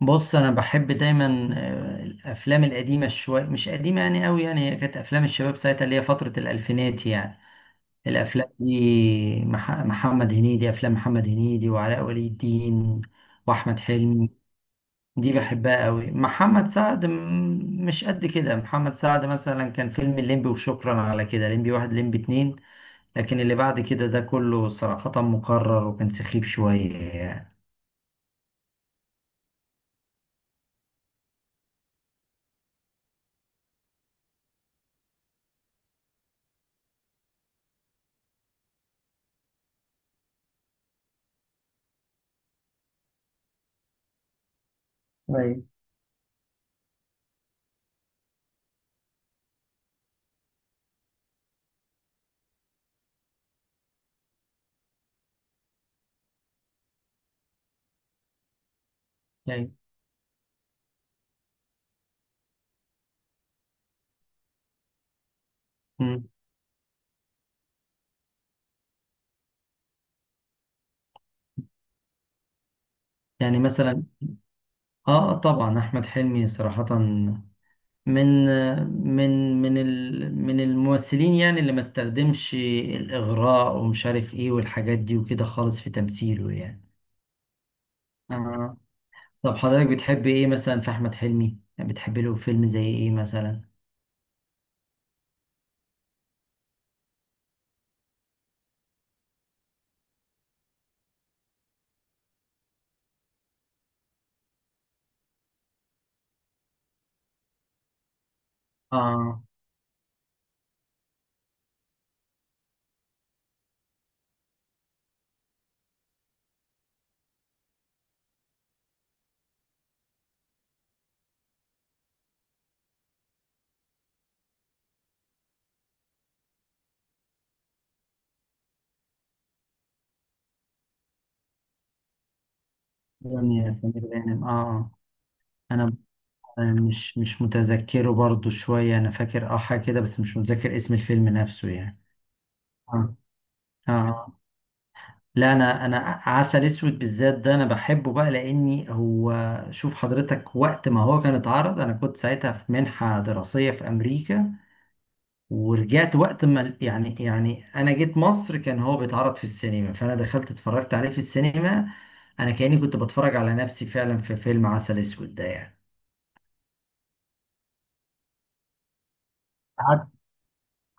بص، انا بحب دايما الافلام القديمه شويه، مش قديمه يعني قوي، يعني هي كانت افلام الشباب ساعتها اللي هي فتره الالفينات يعني. الافلام دي محمد هنيدي، افلام محمد هنيدي وعلاء ولي الدين واحمد حلمي، دي بحبها قوي. محمد سعد مش قد كده. محمد سعد مثلا كان فيلم الليمبي وشكرا على كده، الليمبي واحد الليمبي اتنين، لكن اللي بعد كده ده كله صراحه مكرر وكان سخيف شويه يعني. طيب يعني. مم. يعني مثلا اه، طبعا احمد حلمي صراحة من من من الممثلين يعني اللي ما استخدمش الاغراء ومش عارف ايه والحاجات دي وكده خالص في تمثيله يعني. آه. طب حضرتك بتحب ايه مثلا في احمد حلمي؟ يعني بتحب له فيلم زي ايه مثلا؟ اه، دنيا سمير غانم، اه. آه. انا مش متذكره برضو شوية، انا فاكر اه حاجة كده بس مش متذكر اسم الفيلم نفسه يعني. اه، اه، لا، انا عسل اسود بالذات ده انا بحبه بقى لاني هو. شوف حضرتك، وقت ما هو كان اتعرض انا كنت ساعتها في منحة دراسية في امريكا، ورجعت وقت ما يعني انا جيت مصر كان هو بيتعرض في السينما، فانا دخلت اتفرجت عليه في السينما، انا كأني كنت بتفرج على نفسي فعلا في فيلم عسل اسود ده يعني. قعدت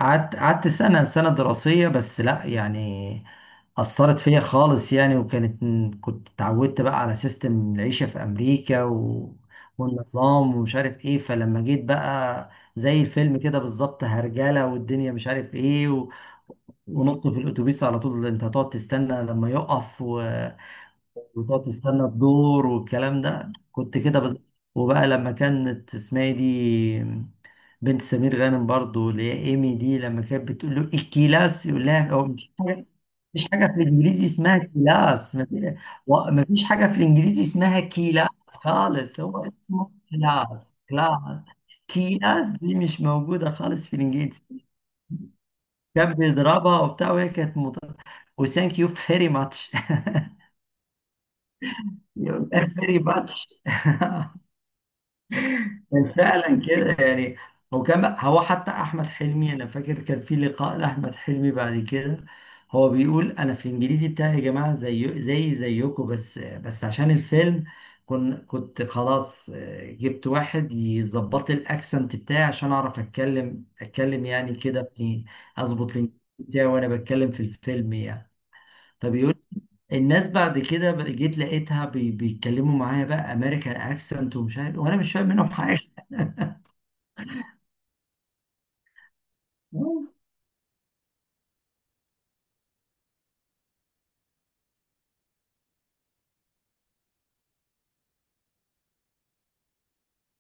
قعدت سنة دراسية بس، لا يعني أثرت فيا خالص يعني. كنت اتعودت بقى على سيستم العيشة في أمريكا و... والنظام ومش عارف إيه، فلما جيت بقى زي الفيلم كده بالظبط، هرجلة والدنيا مش عارف إيه، و... ونط في الأتوبيس على طول، أنت هتقعد تستنى لما يقف، و... وتقعد تستنى الدور والكلام ده، كنت كده بس. وبقى لما كانت اسمها إيه دي، بنت سمير غانم برضو اللي هي ايمي دي، لما كانت بتقول له الكلاس يقول لها هو مش حاجه، مش حاجه في الانجليزي اسمها كلاس. ما فيش حاجه في الانجليزي اسمها كلاس خالص، هو اسمه كلاس. كلاس، كلاس دي مش موجوده خالص في الانجليزي. كان بيضربها وبتاع وهي كانت وثانك يو فيري ماتش يقول لها فيري ماتش كان فعلا كده يعني. هو حتى احمد حلمي، انا فاكر كان في لقاء لاحمد حلمي بعد كده، هو بيقول انا في الانجليزي بتاعي يا جماعه زي زيكم، بس عشان الفيلم كنت خلاص جبت واحد يظبط لي الاكسنت بتاعي عشان اعرف اتكلم يعني كده اظبط الانجليزي بتاعي وانا بتكلم في الفيلم يعني. فبيقول الناس بعد كده جيت لقيتها بيتكلموا معايا بقى امريكان اكسنت ومش عارف، وانا مش فاهم منهم حاجه.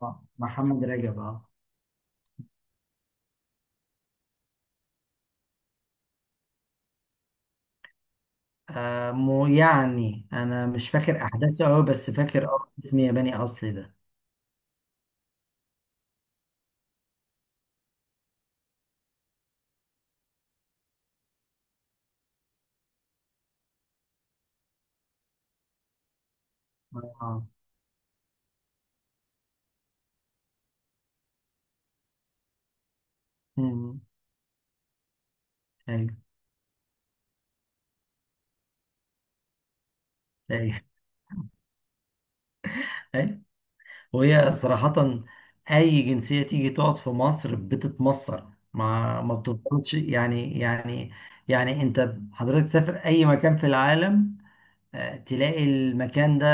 محمد رجب، اه. مو يعني انا مش فاكر احداثه قوي بس فاكر اه اسم ياباني اصلي ده. اه. مم. ايوه، ايوه، أيوة. وهي صراحة أي جنسية تيجي تقعد في مصر بتتمصر، ما بتفضلش يعني يعني. أنت حضرتك تسافر أي مكان في العالم تلاقي المكان ده،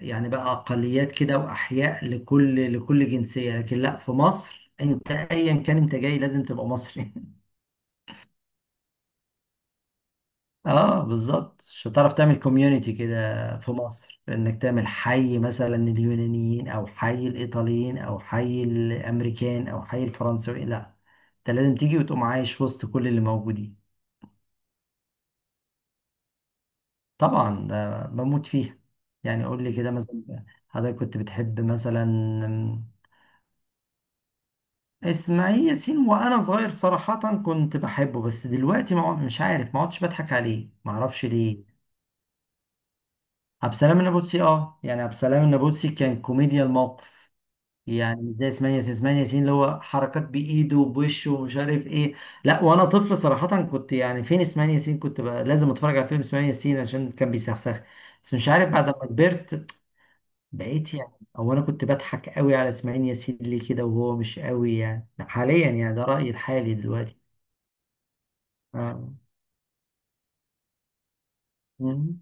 يعني بقى أقليات كده وأحياء لكل جنسية، لكن لا، في مصر أنت أيا كان أنت جاي لازم تبقى مصري اه بالظبط، مش هتعرف تعمل كوميونيتي كده في مصر، انك تعمل حي مثلا لليونانيين او حي الايطاليين او حي الامريكان او حي الفرنسيين، لا، انت لازم تيجي وتقوم عايش وسط كل اللي موجودين. طبعا ده بموت فيها. يعني قول لي كده مثلا، حضرتك كنت بتحب مثلا اسماعيل ياسين، وانا صغير صراحة كنت بحبه، بس دلوقتي ما عد- مش عارف، ما عدتش بضحك عليه، ما اعرفش ليه. عبد السلام النابلسي اه، يعني عبد السلام النابلسي كان كوميديا الموقف، يعني مش زي اسماعيل ياسين. اسماعيل ياسين اللي هو حركات بايده وبوشه ومش عارف ايه. لا، وانا طفل صراحة كنت يعني فين اسماعيل ياسين، كنت بقى لازم اتفرج على فيلم اسماعيل ياسين عشان كان بيسخسخ. بس مش عارف بعد ما كبرت بقيت يعني، او انا كنت بضحك قوي على اسماعيل ياسين ليه كده وهو مش قوي يعني حاليا، يعني ده رأيي الحالي دلوقتي. آه. مم.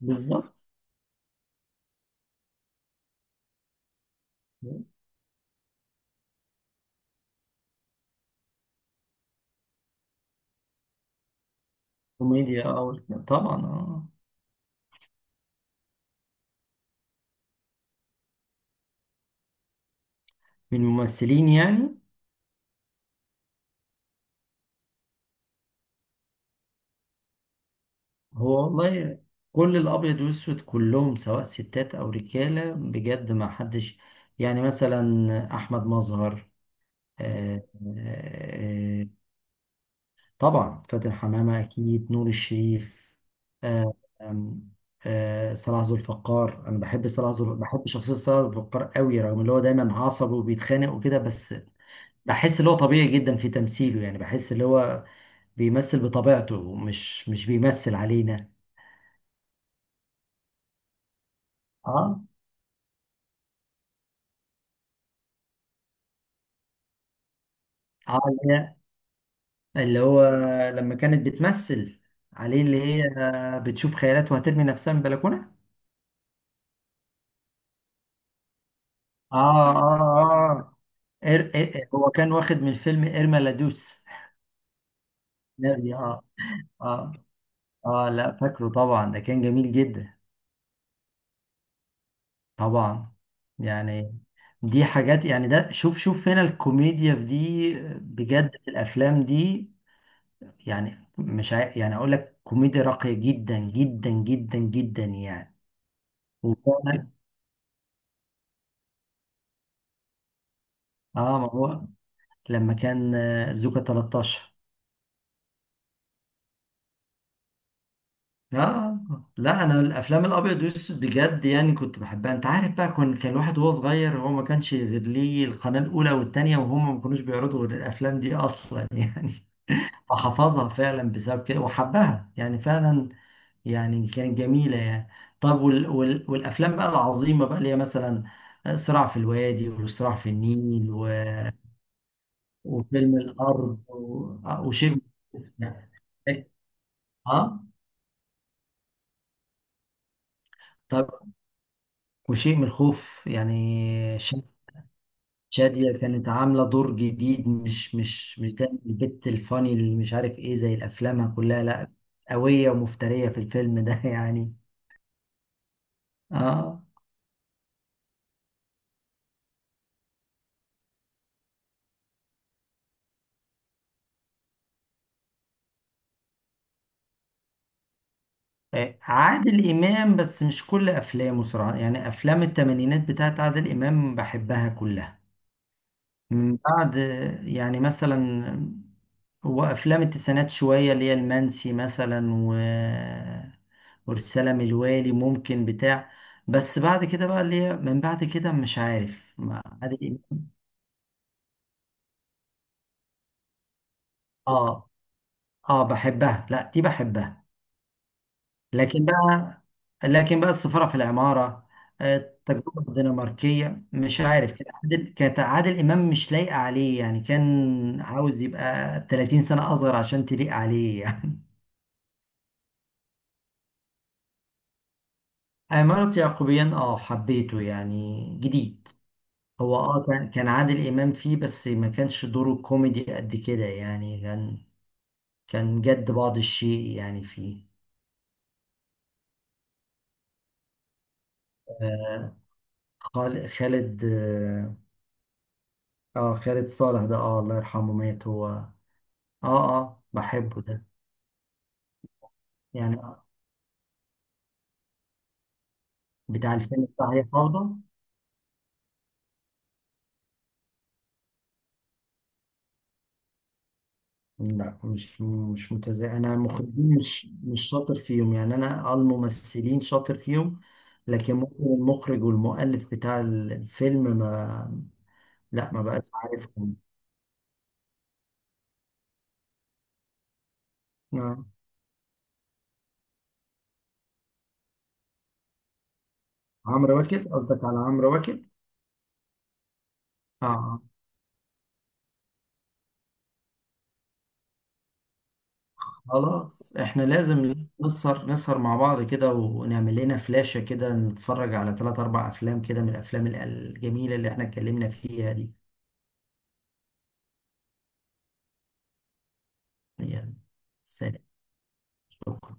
بالظبط. كوميديا أو، طبعا. آه. من الممثلين يعني؟ هو والله كل الأبيض والأسود كلهم سواء ستات أو رجالة بجد ما حدش. يعني مثلا أحمد مظهر، آه، آه، آه، طبعا فاتن حمامة، أكيد نور الشريف. آه، آم، آه، صلاح ذو الفقار. أنا بحب صلاح ذو بحب شخصية صلاح ذو الفقار قوي، رغم اللي هو دايما عصبي وبيتخانق وكده، بس بحس اللي هو طبيعي جدا في تمثيله، يعني بحس اللي هو بيمثل بطبيعته مش بيمثل علينا. اه، اه، اللي هو لما كانت بتمثل عليه، اللي هي بتشوف خيالات وهترمي نفسها من البلكونة. اه، اه، اه، هو كان واخد من فيلم إرما لدوس. اه، اه، اه، اه، لا فاكره طبعا، ده كان جميل جدا. طبعا يعني، دي حاجات يعني، ده شوف شوف هنا الكوميديا في دي بجد، في الافلام دي يعني. مش عاي... يعني اقول لك كوميديا راقية جدا جدا جدا جدا يعني. وفعلا اه، ما هو لما كان زوكا 13. اه، لا انا الافلام الابيض والاسود بجد يعني كنت بحبها، انت عارف بقى، كان الواحد وهو صغير هو ما كانش غير ليه القناه الاولى والثانيه، وهم ما كانوش بيعرضوا غير الافلام دي اصلا يعني. فحفظها فعلا بسبب كده وحبها يعني فعلا، يعني كانت جميلة يعني. طب والأفلام بقى العظيمة بقى اللي هي مثلا صراع في الوادي وصراع في النيل و... وفيلم الأرض و... وشيء. اه، طب وشيء من الخوف يعني. شادية كانت عاملة دور جديد، مش ده البت الفاني اللي مش عارف ايه زي أفلامها كلها، لا، قوية ومفترية في الفيلم ده يعني. اه، عادل إمام بس مش كل أفلامه صراحة، يعني أفلام التمانينات بتاعت عادل إمام بحبها كلها، من بعد يعني مثلا وأفلام التسعينات شوية اللي هي المنسي مثلا و... ورسالة من الوالي ممكن بتاع. بس بعد كده بقى اللي هي من بعد كده مش عارف عادل إمام. آه، آه، بحبها، لا دي بحبها. لكن بقى لكن بقى السفارة في العمارة، التجربة الدنماركية مش عارف، كانت عادل إمام مش لايقة عليه يعني، كان عاوز يبقى 30 سنة أصغر عشان تليق عليه يعني. عمارة يعقوبيان اه، حبيته يعني جديد. هو اه كان عادل إمام فيه بس ما كانش دوره كوميدي قد كده يعني، كان كان جد بعض الشيء يعني فيه. آه، خالد اه، خالد صالح ده، اه، الله يرحمه مات هو. اه، اه، بحبه ده يعني، بتاع الفيلم بتاع هي فوضى. لا مش مش متزا، انا المخرجين مش مش شاطر فيهم، يعني انا الممثلين شاطر فيهم لكن ممكن المخرج والمؤلف بتاع الفيلم ما. لا، ما بقاش عارفهم. آه. عمرو واكد؟ قصدك على عمرو واكد، اه. آه. خلاص، احنا لازم نسهر مع بعض كده، ونعمل لنا فلاشة كده نتفرج على ثلاث اربع افلام كده من الافلام الجميلة اللي احنا اتكلمنا فيها دي. يلا. سلام. شكرا.